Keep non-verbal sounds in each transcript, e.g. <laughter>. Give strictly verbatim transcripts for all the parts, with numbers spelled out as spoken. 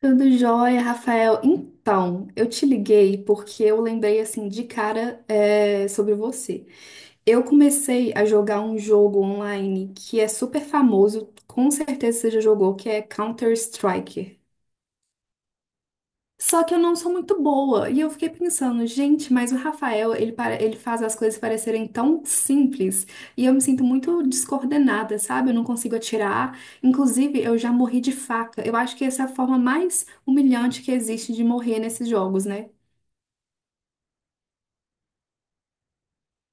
Tudo jóia, Rafael. Então, eu te liguei porque eu lembrei assim de cara é, sobre você. Eu comecei a jogar um jogo online que é super famoso, com certeza você já jogou, que é Counter-Strike. Só que eu não sou muito boa. E eu fiquei pensando, gente, mas o Rafael, ele, para, ele faz as coisas parecerem tão simples. E eu me sinto muito descoordenada, sabe? Eu não consigo atirar. Inclusive, eu já morri de faca. Eu acho que essa é a forma mais humilhante que existe de morrer nesses jogos, né?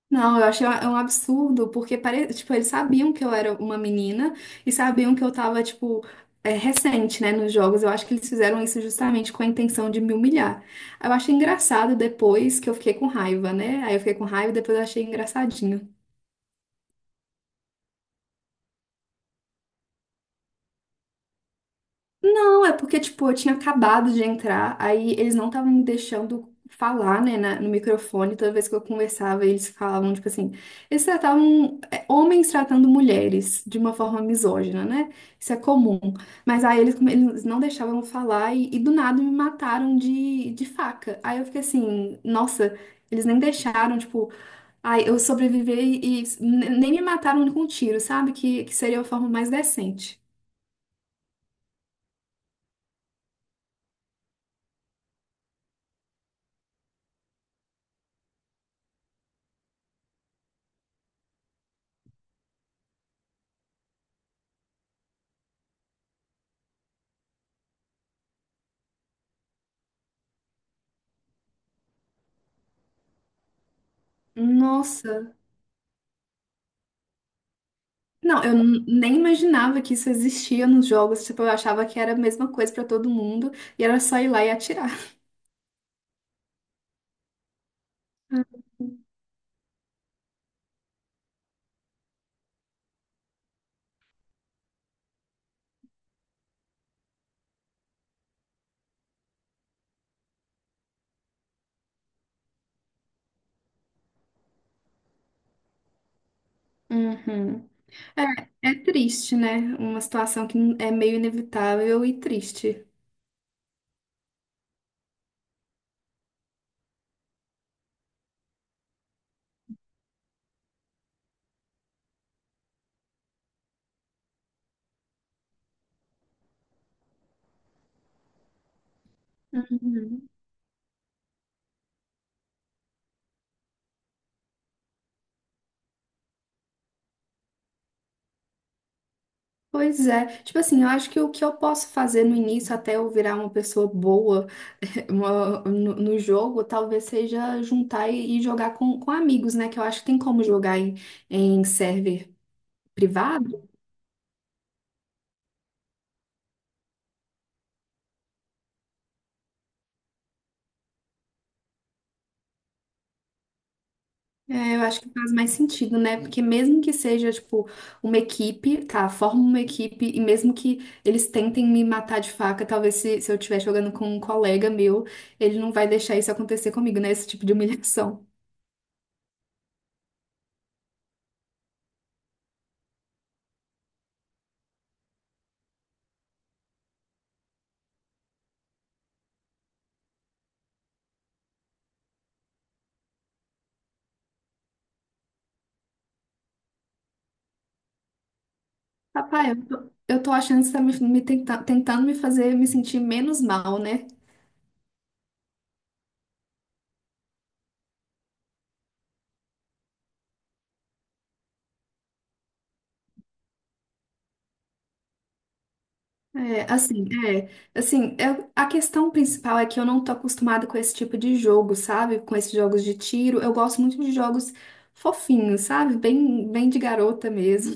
Não, eu achei um absurdo, porque pare... tipo, eles sabiam que eu era uma menina e sabiam que eu tava, tipo, é, recente, né, nos jogos. Eu acho que eles fizeram isso justamente com a intenção de me humilhar. Eu achei engraçado depois que eu fiquei com raiva, né? Aí eu fiquei com raiva e depois eu achei engraçadinho. Não, é porque, tipo, eu tinha acabado de entrar, aí eles não estavam me deixando falar, né, na- no microfone. Toda vez que eu conversava, eles falavam, tipo assim, eles tratavam é, homens tratando mulheres de uma forma misógina, né? Isso é comum. Mas aí eles, come- eles não deixavam eu falar e, e do nada me mataram de, de faca. Aí eu fiquei assim, nossa, eles nem deixaram, tipo, ai, eu sobrevivi e, e nem me mataram com um tiro, sabe? Que, que seria a forma mais decente. Nossa. Não, eu n- nem imaginava que isso existia nos jogos. Tipo, eu achava que era a mesma coisa pra todo mundo e era só ir lá e atirar. Uhum. É, é triste, né? Uma situação que é meio inevitável e triste. Uhum. Pois é. Tipo assim, eu acho que o que eu posso fazer no início, até eu virar uma pessoa boa <laughs> uma- no, no jogo, talvez seja juntar e, e jogar com, com amigos, né? Que eu acho que tem como jogar em, em server privado. É, eu acho que faz mais sentido, né? Porque mesmo que seja, tipo, uma equipe, tá, forma uma equipe, e mesmo que eles tentem me matar de faca, talvez se, se eu estiver jogando com um colega meu, ele não vai deixar isso acontecer comigo, né? Esse tipo de humilhação. Papai, eu tô, eu tô achando que você tá me, me tenta- tentando me fazer me sentir menos mal, né? É, assim, é, assim, eu- a questão principal é que eu não tô acostumada com esse tipo de jogo, sabe? Com esses jogos de tiro. Eu gosto muito de jogos fofinhos, sabe? Bem, bem de garota mesmo.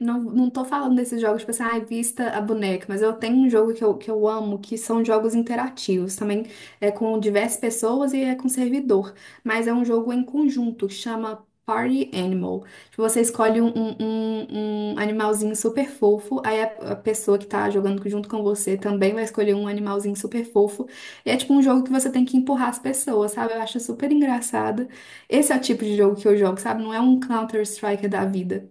Não, não tô falando desses jogos, tipo assim, ai, vista a boneca, mas eu tenho um jogo que eu, que eu amo, que são jogos interativos, também é com diversas pessoas e é com servidor, mas é um jogo em conjunto, que chama Party Animal. Tipo, você escolhe um, um, um- um animalzinho super fofo, aí a, a pessoa que tá jogando junto com você também vai escolher um animalzinho super fofo, e é tipo um jogo que você tem que empurrar as pessoas, sabe? Eu acho super engraçado. Esse é o tipo de jogo que eu jogo, sabe? Não é um Counter-Strike da vida.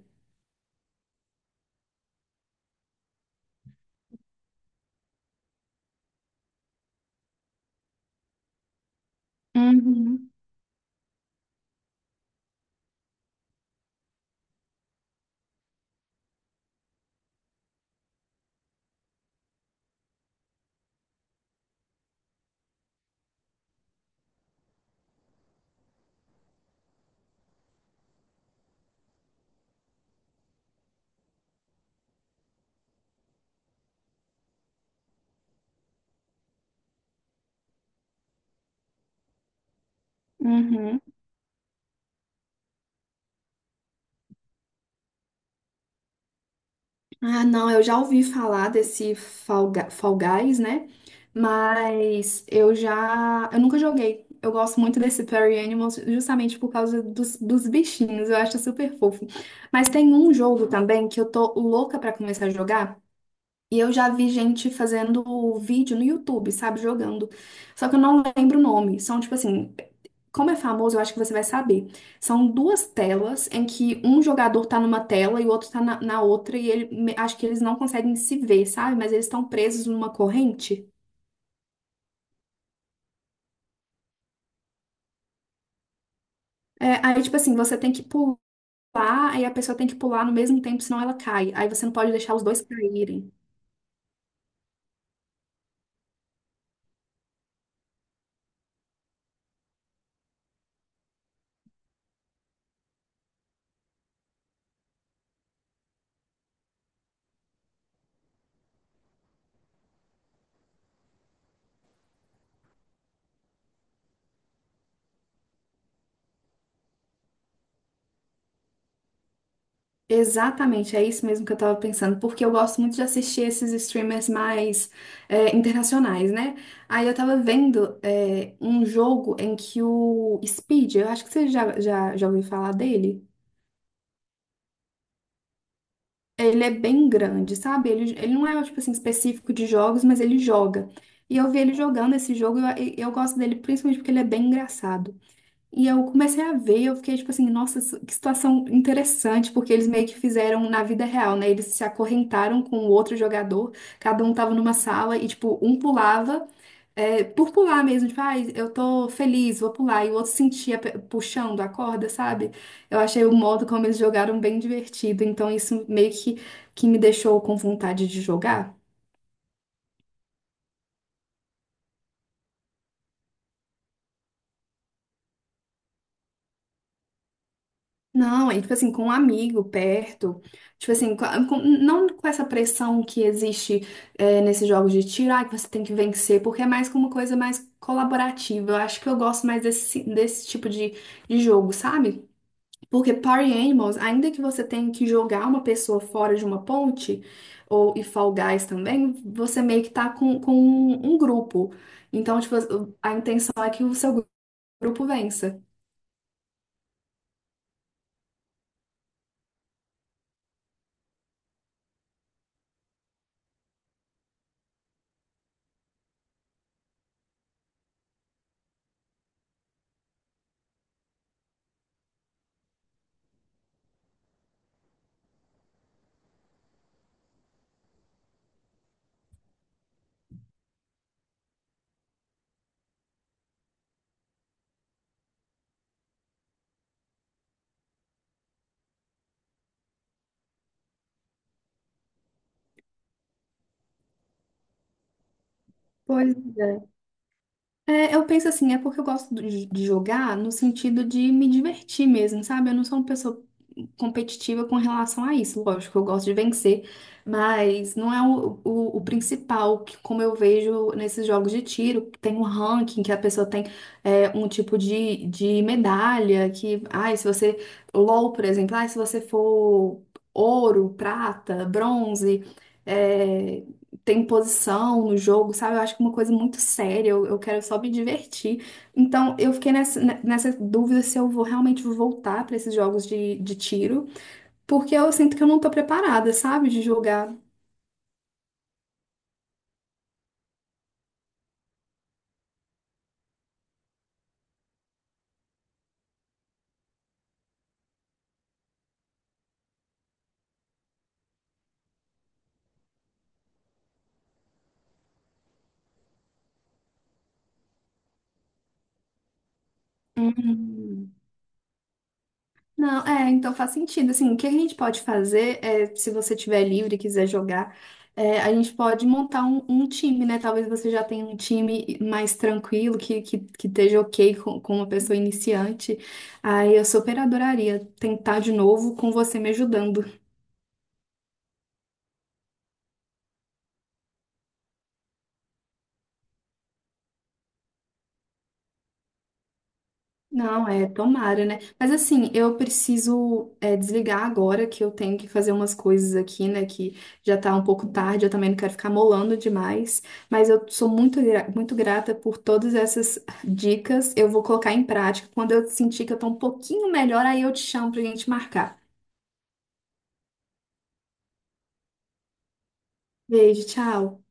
Uhum. Uhum. Ah, não, eu já ouvi falar desse Fall, Ga- Fall Guys, né? Mas eu já. Eu nunca joguei. Eu gosto muito desse Party Animals justamente por causa dos, dos bichinhos. Eu acho super fofo. Mas tem um jogo também que eu tô louca pra começar a jogar. E eu já vi gente fazendo vídeo no YouTube, sabe? Jogando. Só que eu não lembro o nome. São, tipo assim, como é famoso, eu acho que você vai saber. São duas telas em que um jogador tá numa tela e o outro tá na, na outra, e ele, me- acho que eles não conseguem se ver, sabe? Mas eles estão presos numa corrente. É, aí, tipo assim, você tem que pular, aí a pessoa tem que pular no mesmo tempo, senão ela cai. Aí você não pode deixar os dois caírem. Exatamente, é isso mesmo que eu tava pensando, porque eu gosto muito de assistir esses streamers mais é, internacionais, né? Aí eu tava vendo é, um jogo em que o Speed, eu acho que você já, já, já ouviu falar dele, ele é bem grande, sabe? Ele, ele não é, tipo assim, específico de jogos, mas ele joga. E eu vi ele jogando esse jogo e eu, eu gosto dele principalmente porque ele é bem engraçado. E eu comecei a ver, eu fiquei tipo assim, nossa, isso- que situação interessante, porque eles meio que fizeram na vida real, né? Eles se acorrentaram com o outro jogador, cada um tava numa sala e, tipo, um pulava, é, por pular mesmo, tipo, ai, eu tô feliz, vou pular, e o outro sentia pe- puxando a corda, sabe? Eu achei o modo como eles jogaram bem divertido, então isso meio que, que me deixou com vontade de jogar. Não, é tipo assim, com um amigo perto, tipo assim, com- com- não com essa pressão que existe é, nesses jogos de tiro, ah, que você tem que vencer, porque é mais como uma coisa mais colaborativa. Eu acho que eu gosto mais desse, si, desse tipo de, de jogo, sabe? Porque Party Animals, ainda que você tenha que jogar uma pessoa fora de uma ponte, ou e Fall Guys também, você meio que tá com, com um, um grupo. Então, tipo, a intenção é que o seu grupo vença. Pois é. É, eu penso assim, é porque eu gosto de de jogar no sentido de me divertir mesmo, sabe? Eu não sou uma pessoa competitiva com relação a isso. Lógico, eu gosto de vencer, mas não é o, o, o principal, que, como eu vejo nesses jogos de tiro, que tem um ranking, que a pessoa tem é, um tipo de, de medalha, que, ai, se você, L O L, por exemplo, ai, se você for ouro, prata, bronze. é, Tem posição no jogo, sabe? Eu acho que é uma coisa muito séria, eu, eu quero só me divertir. Então, eu fiquei nessa, nessa dúvida se eu vou realmente voltar para esses jogos de, de tiro, porque eu sinto que eu não tô preparada, sabe? De jogar. Uhum. Não, é, então faz sentido. Assim, o que a gente pode fazer é, se você tiver livre e quiser jogar, é, a gente pode montar um, um time, né? Talvez você já tenha um time mais tranquilo, que, que, que esteja ok com, com uma pessoa iniciante. Aí eu super adoraria tentar de novo com você me ajudando. Não, é, tomara, né? Mas assim, eu preciso é, desligar agora que eu tenho que fazer umas coisas aqui, né? Que já tá um pouco tarde, eu também não quero ficar molando demais. Mas eu sou muito, gra- muito grata por todas essas dicas. Eu vou colocar em prática. Quando eu sentir que eu tô um pouquinho melhor, aí eu te chamo pra gente marcar. Beijo, tchau.